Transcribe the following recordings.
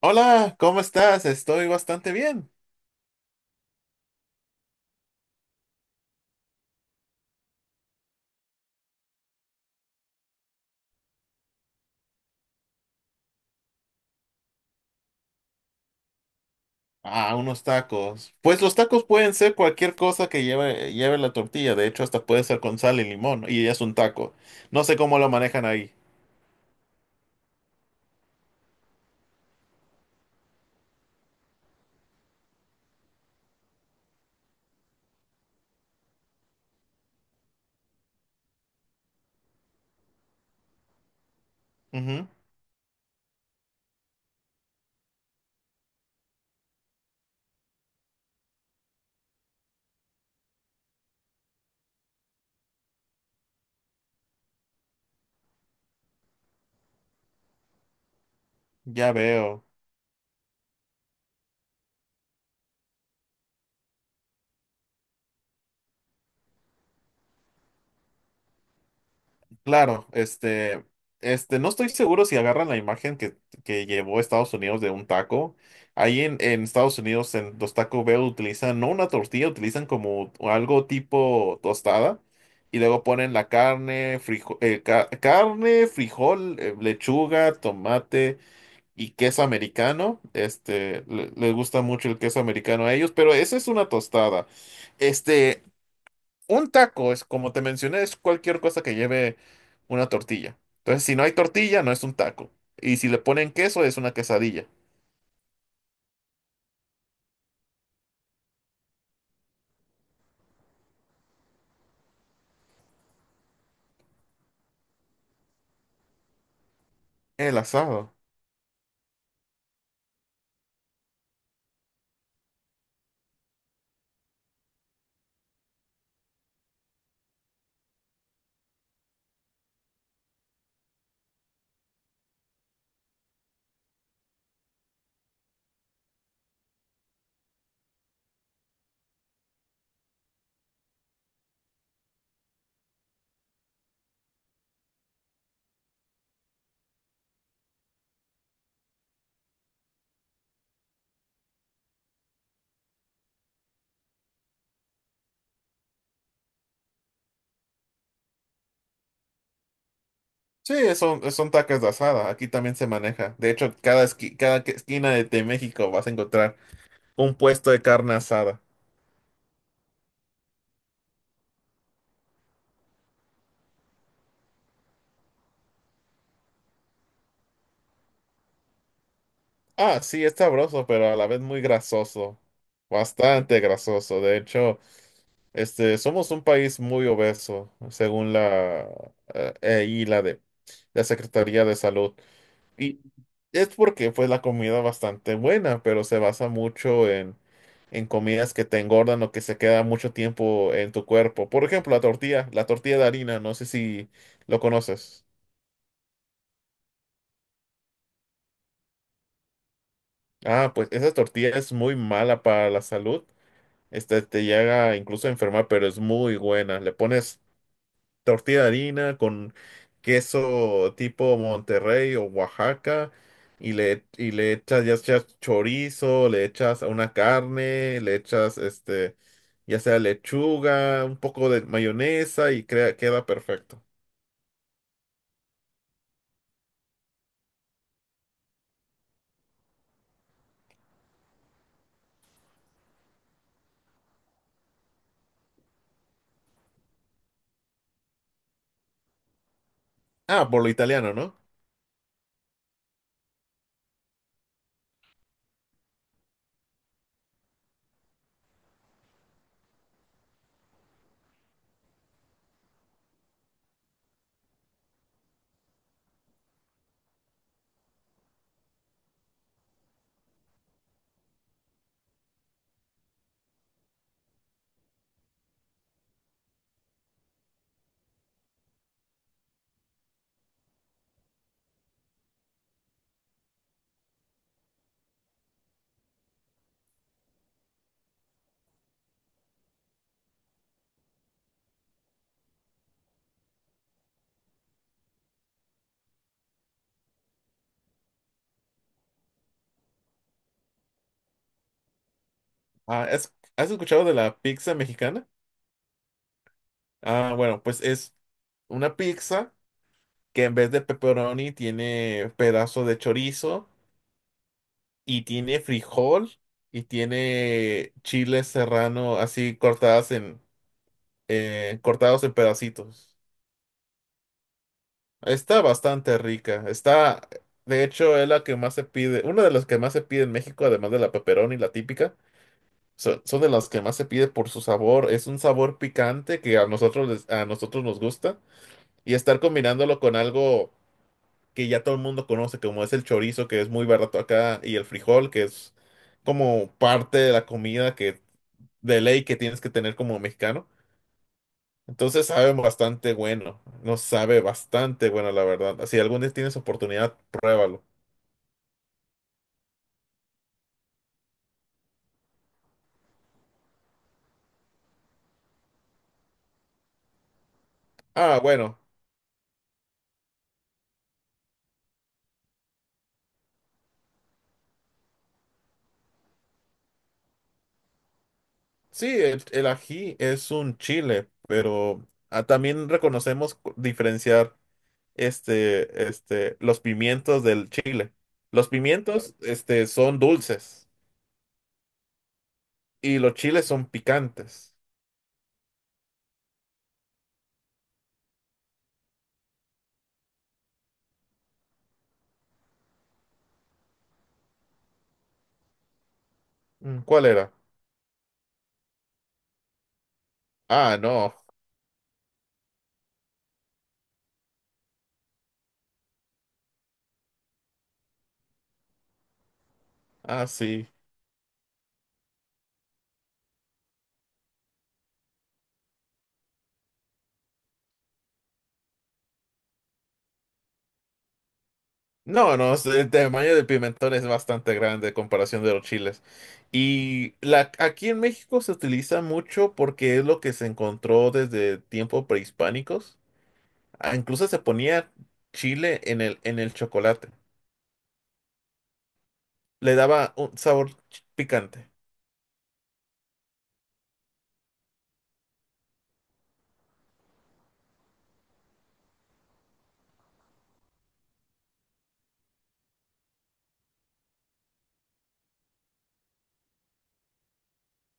Hola, ¿cómo estás? Estoy bastante bien. Ah, unos tacos. Pues los tacos pueden ser cualquier cosa que lleve la tortilla. De hecho, hasta puede ser con sal y limón. Y ya es un taco. No sé cómo lo manejan ahí. Ujú, ya veo. Claro, no estoy seguro si agarran la imagen que llevó Estados Unidos de un taco. Ahí en Estados Unidos, en los Taco Bell utilizan no una tortilla, utilizan como algo tipo tostada y luego ponen la carne, carne, frijol, lechuga, tomate y queso americano. Les gusta mucho el queso americano a ellos, pero esa es una tostada. Este, un taco es, como te mencioné, es cualquier cosa que lleve una tortilla. Entonces, si no hay tortilla, no es un taco. Y si le ponen queso, es una quesadilla. El asado. Sí, son tacos de asada. Aquí también se maneja. De hecho, cada, esqui- cada que- esquina de México vas a encontrar un puesto de carne asada. Ah, sí, es sabroso, pero a la vez muy grasoso. Bastante grasoso. De hecho, somos un país muy obeso, según la, y la de la Secretaría de Salud. Y es porque fue la comida bastante buena, pero se basa mucho en comidas que te engordan o que se queda mucho tiempo en tu cuerpo. Por ejemplo, la tortilla de harina, no sé si lo conoces. Ah, pues esa tortilla es muy mala para la salud. Te llega incluso a enfermar, pero es muy buena. Le pones tortilla de harina con queso tipo Monterrey o Oaxaca y le echas, ya sea chorizo, le echas a una carne, le echas ya sea lechuga, un poco de mayonesa y crea, queda perfecto. Ah, por lo italiano, ¿no? Ah, has escuchado de la pizza mexicana? Ah, bueno, pues es una pizza que en vez de pepperoni tiene pedazo de chorizo y tiene frijol y tiene chile serrano así cortadas en cortados en pedacitos. Está bastante rica. Está, de hecho, es la que más se pide, una de las que más se pide en México, además de la pepperoni, la típica. Son de las que más se pide por su sabor. Es un sabor picante que a a nosotros nos gusta. Y estar combinándolo con algo que ya todo el mundo conoce, como es el chorizo, que es muy barato acá, y el frijol, que es como parte de la comida que de ley que tienes que tener como mexicano. Entonces sabe bastante bueno, nos sabe bastante bueno, la verdad. Si algún día tienes oportunidad, pruébalo. Ah, bueno, sí, el ají es un chile, pero ah, también reconocemos diferenciar los pimientos del chile. Los pimientos, son dulces y los chiles son picantes. Mm, ¿cuál era? Ah, no. Ah, sí. No, no, el tamaño del pimentón es bastante grande en comparación de los chiles. Y la, aquí en México se utiliza mucho porque es lo que se encontró desde tiempos prehispánicos. Ah, incluso se ponía chile en en el chocolate. Le daba un sabor picante.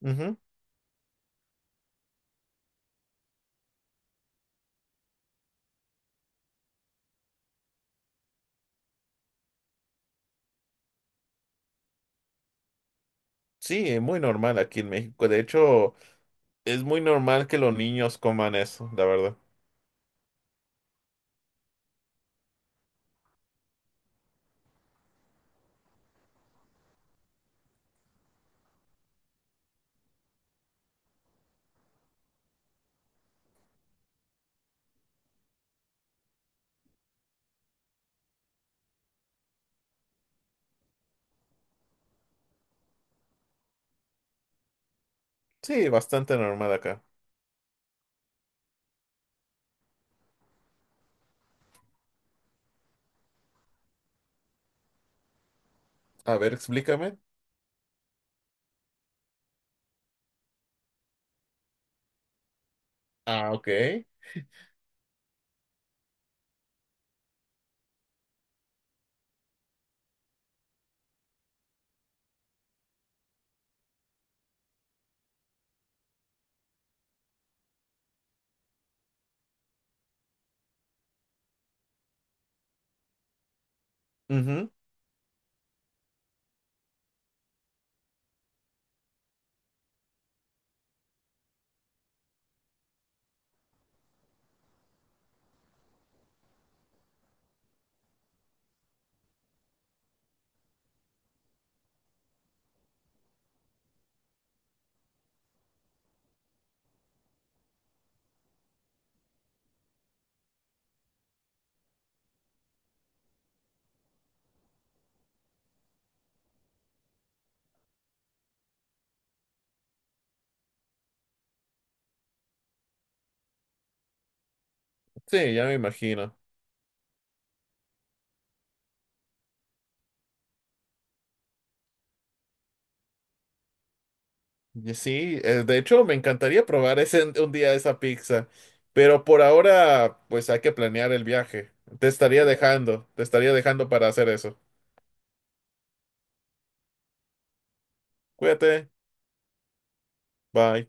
Ujú. Sí, es muy normal aquí en México. De hecho, es muy normal que los niños coman eso, la verdad. Sí, bastante normal acá. A ver, explícame. Ah, ok. Ujú. Sí, ya me imagino. Y sí, de hecho me encantaría probar ese, un día esa pizza, pero por ahora pues hay que planear el viaje. Te estaría dejando para hacer eso. Cuídate, bye.